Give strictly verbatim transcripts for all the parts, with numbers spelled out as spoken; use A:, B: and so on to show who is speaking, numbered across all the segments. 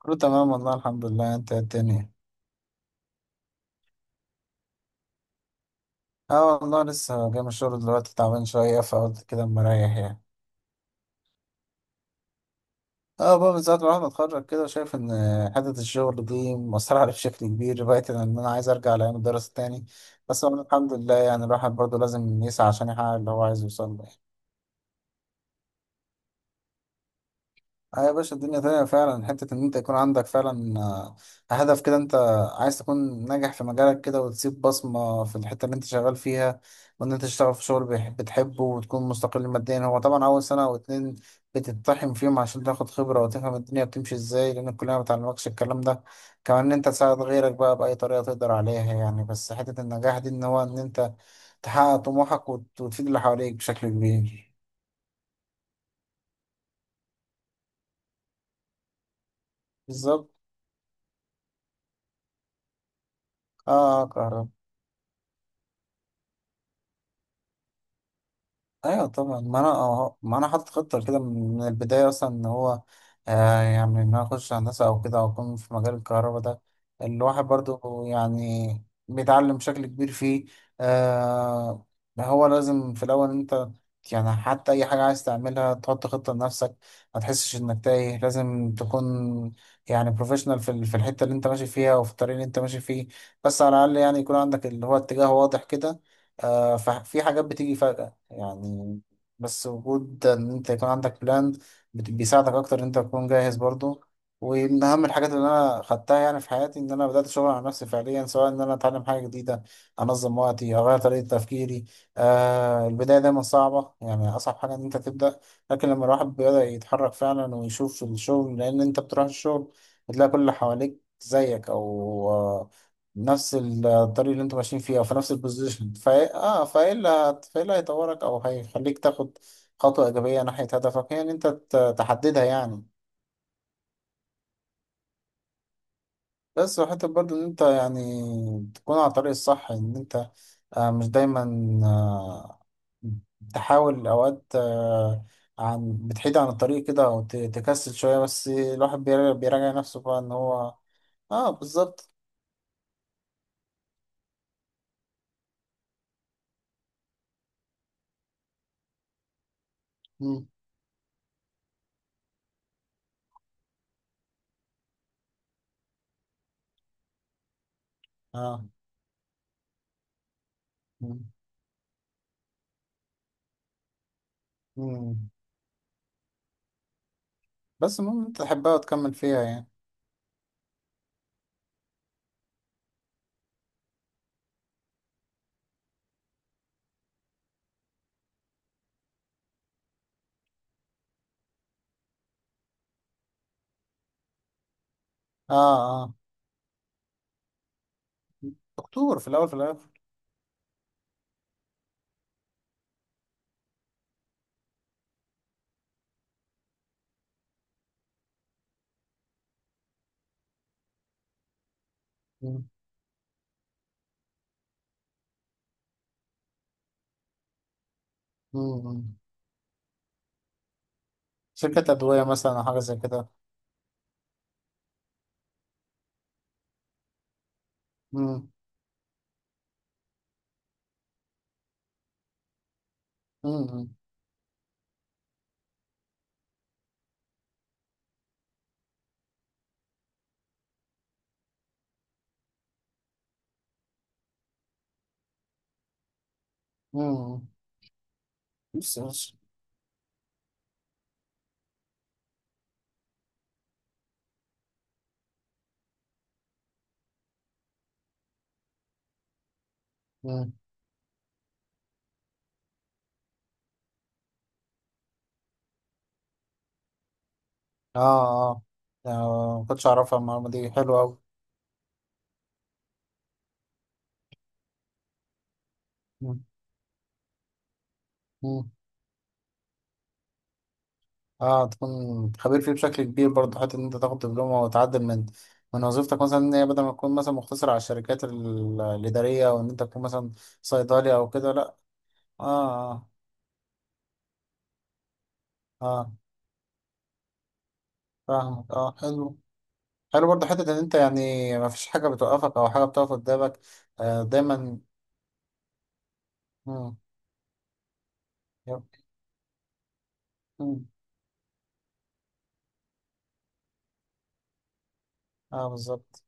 A: كله تمام والله الحمد لله. انت ايه الدنيا؟ اه والله لسه جاي من الشغل دلوقتي، تعبان شوية فقلت كده اما اريح يعني. اه، بقى من ساعة ما الواحد اتخرج كده شايف ان حتة الشغل دي مأثرة عليه بشكل كبير، بقيت ان انا عايز ارجع لأيام الدراسة تاني. بس والله الحمد لله، يعني الواحد برضه لازم يسعى عشان يحقق اللي هو عايز يوصل له. اه يا باشا الدنيا تانية فعلا، حتة إن أنت يكون عندك فعلا آه، هدف كده. أنت عايز تكون ناجح في مجالك كده وتسيب بصمة في الحتة اللي أنت شغال فيها، وإن أنت تشتغل في شغل بيح- بتحبه وتكون مستقل ماديا. هو طبعا أول سنة أو اتنين بتتطحن فيهم عشان تاخد خبرة وتفهم الدنيا بتمشي إزاي، لأن الكلية ما بتعلمكش الكلام ده. كمان إن أنت تساعد غيرك بقى بأي طريقة تقدر عليها يعني. بس حتة النجاح دي إن هو إن أنت تحقق طموحك وت- وتفيد اللي حواليك بشكل كبير. بالظبط. آه كهرباء. ايوه طبعا، ما انا أه- ما انا حاطط خطه كده من البدايه اصلا ان هو آه، يعني ان انا اخش هندسه او كده او اكون في مجال الكهرباء ده. الواحد برضو يعني بيتعلم بشكل كبير فيه. آه، هو لازم في الاول انت يعني حتى اي حاجه عايز تعملها تحط خطه لنفسك، ما تحسش انك تايه، لازم تكون يعني بروفيشنال في ال- في الحته اللي انت ماشي فيها وفي الطريق اللي انت ماشي فيه. بس على الاقل يعني يكون عندك اللي هو اتجاه واضح كده. آه، ففي حاجات بتيجي يعني. بس وجود ان انت يكون عندك بلان بت- بيساعدك اكتر ان انت تكون جاهز برضو. ومن اهم الحاجات اللي انا خدتها يعني في حياتي ان انا بدات شغل على نفسي فعليا، سواء ان انا اتعلم حاجه جديده، انظم وقتي، اغير طريقه تفكيري. آه البدايه دايما صعبه، يعني اصعب حاجه ان انت تبدا. لكن لما الواحد بيبدا يتحرك فعلا ويشوف الشغل، لان انت بتروح الشغل بتلاقي كل اللي حواليك زيك، او آه، نفس الطريق اللي انتوا ماشيين فيه او في نفس البوزيشن. فا اه فايه اللي فايه اللي هيطورك او هيخليك تاخد خطوة ايجابية ناحية هدفك، هي ان انت ت- تحددها يعني. بس وحتى برضو ان انت يعني تكون على الطريق الصح ان انت آه، مش دايما آه، تحاول اوقات آه، عن بتحيد عن الطريق كده او ت- تكسل شوية، بس الواحد بيرا- بيراجع نفسه بقى ان هو اه بالظبط. مم، اه. مم، مم. بس المهم إن انت تحبها وتكمل فيها يعني. اه. اه، دكتور في الاول في الاخر. مم، مم، شركة أدوية مثلا أو حاجة زي كده. مم. مم. مم. بس بس. مم. آه آه. آه، ما كنتش أعرفها، المعلومة دي حلوة أوي. مم. مم. آه تكون خبير فيه بشكل كبير برضه، حتى إن أنت تاخد دبلومة وتعدل من من وظيفتك مثلا، إن هي بدل ما تكون مثلا مقتصرة على الشركات ال- الإدارية، وإن أنت تكون مثلا صيدلي أو كده لأ. آه آه. آه فاهمك، آه حلو. حلو برضه حتة إن أنت يعني ما فيش حاجة بتوقفك أو حاجة بتقف قدامك. آه دايما. مم. يب. اه بالظبط.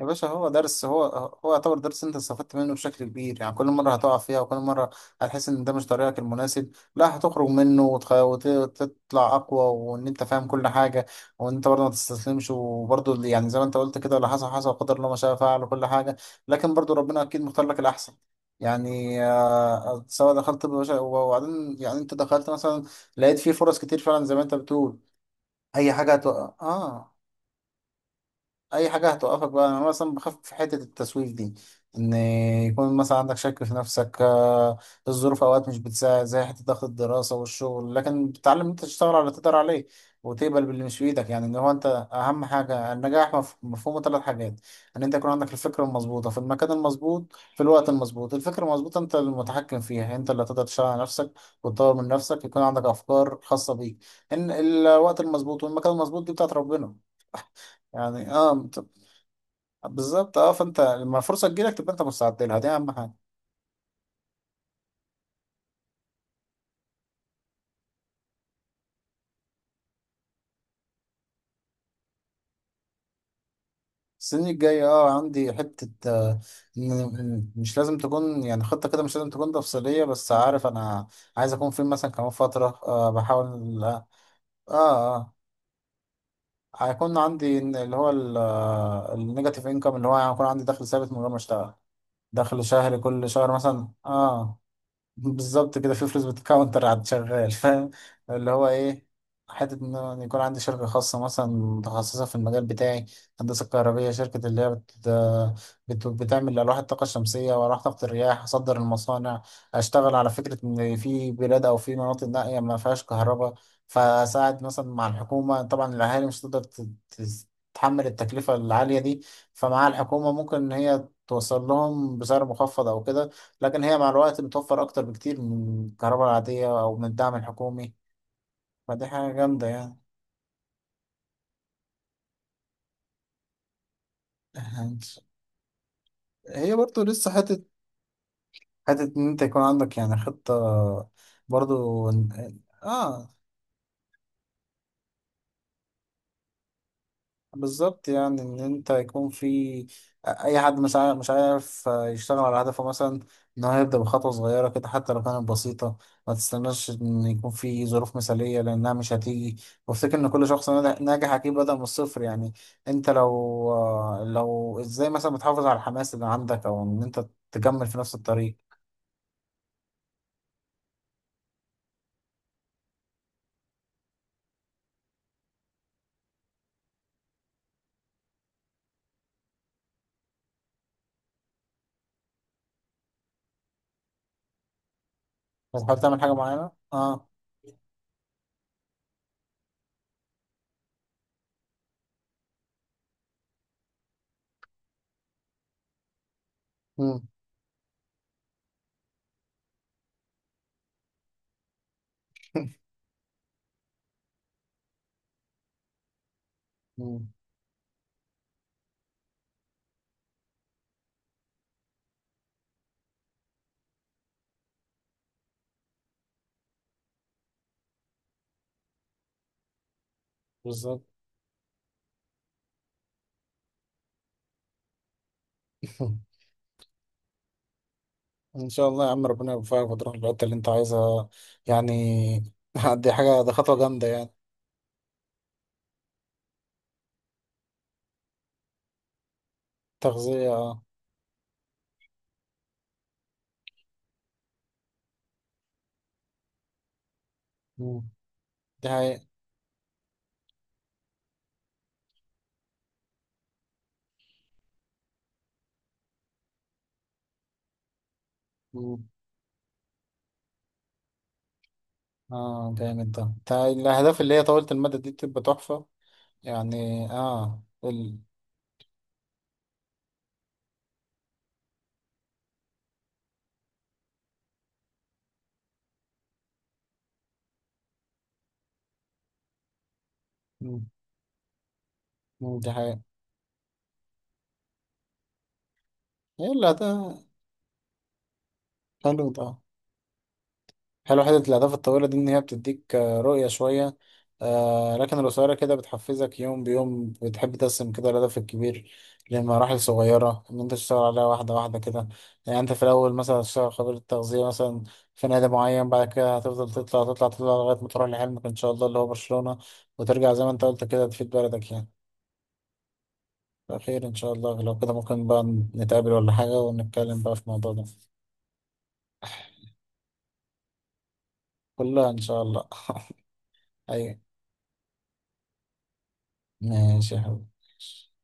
A: يا باشا هو درس، هو هو يعتبر درس انت استفدت منه بشكل كبير، يعني كل مره هتقع فيها وكل مره هتحس ان ده مش طريقك المناسب لا هتخرج منه وتخ- وت- وتطلع اقوى وان انت فاهم كل حاجه. وان انت برضه ما تستسلمش، وبرضه اللي- يعني زي ما انت قلت كده اللي حصل حصل وقدر الله ما شاء فعل وكل حاجه. لكن برضه ربنا اكيد مختار لك الاحسن. يعني آه، سواء دخلت طب بشري وبعدين يعني انت دخلت مثلا لقيت فيه فرص كتير فعلا زي ما انت بتقول. اي حاجه هتوقع اه. اي حاجه هتوقفك بقى. انا مثلا بخاف في حته التسويف دي، ان يكون مثلا عندك شك في نفسك. آه، الظروف اوقات مش بتساعد زي حته ضغط الدراسه والشغل، لكن بتتعلم إن انت تشتغل على اللي تقدر عليه وتقبل باللي مش في ايدك. يعني ان هو انت اهم حاجه، النجاح مف- مفهومه ثلاث حاجات: ان انت يكون عندك الفكره المظبوطه في المكان المظبوط في الوقت المظبوط. الفكره المظبوطه انت المتحكم فيها، انت اللي هتقدر تشتغل على نفسك وتطور من نفسك، يكون عندك افكار خاصه بيك. ان الوقت المظبوط والمكان المظبوط دي بتاعت ربنا يعني. اه بالظبط، اه فانت لما الفرصه تجيلك تبقى انت مستعد لها، دي اهم حاجه. السنين الجايه اه عندي حته آه، إن- إن مش لازم تكون يعني خطه كده، مش لازم تكون تفصيليه بس عارف انا عايز اكون فين مثلا كمان فتره. آه بحاول اه اه آه، هيكون عندي إن- اللي هو النيجاتيف انكم اللي هو يعني هيكون عندي دخل ثابت من غير ما اشتغل. دخل شهري كل شهر مثلا اه بالظبط كده، في فلوس بتكاونتر على الشغال فاهم. اللي هو ايه، حتة ان أنا يكون عندي شركة خاصة مثلا متخصصة في المجال بتاعي هندسة كهربية. شركة اللي هي بت... بت... بتعمل ألواح الطاقة الشمسية وألواح طاقة الرياح. أصدر المصانع، أشتغل على فكرة إن في بلاد أو في مناطق نائية ما فيهاش كهرباء. فأساعد مثلا مع الحكومة طبعا، الأهالي مش هتقدر ت... ت- تتحمل التكلفة العالية دي. فمع الحكومة ممكن إن هي توصل لهم بسعر مخفض أو كده. لكن هي مع الوقت بتوفر أكتر بكتير من الكهرباء العادية أو من الدعم الحكومي. فدي حاجة جامدة يعني. هي برضو لسه حتة، حتة إن أنت يكون عندك يعني خطة برضو إن- آه بالظبط، يعني ان انت يكون في اي حد مش عارف مش عارف يشتغل على هدفه مثلا، ان هو يبدا بخطوه صغيره كده حتى لو كانت بسيطه. ما تستناش ان يكون في ظروف مثاليه لانها مش هتيجي. وافتكر ان كل شخص ناجح ناجح اكيد بدا من الصفر يعني. انت لو آه، لو ازاي مثلا بتحافظ على الحماس اللي عندك او ان انت تكمل في نفس الطريق. بتحاول تعمل حاجه معينه اه. مم. مم. بالظبط. ان شاء الله يا عم ربنا يوفقك وتروح الحته اللي انت عايزها يعني. دي حاجه، دي خطوه جامده يعني. تغذيه اه. مم. دي حقيقة. مم. اه جامد ده، ده الاهداف اللي هي طويله المدى دي بتبقى تحفه. يعني اه ال... مم. مم. دي حقيقة. يلا ده حلو ده، حلو حتة الأهداف الطويلة دي إن هي بتديك آه، رؤية شوية. آه لكن القصيرة كده بتحفزك يوم بيوم، بتحب تقسم كده الهدف الكبير لمراحل صغيرة إن أنت تشتغل عليها واحدة واحدة كده. يعني أنت في الأول مثلا هتشتغل خبير التغذية مثلا في نادي معين، بعد كده هتفضل تطلع تطلع تطلع لغاية ما تروح لحلمك إن شاء الله اللي هو برشلونة. وترجع زي ما أنت قلت كده تفيد بلدك يعني. بخير إن شاء الله. لو كده ممكن بقى نتقابل ولا حاجة ونتكلم بقى في الموضوع ده. كلها إن شاء الله. أيوة. ماشي يا حبيبي.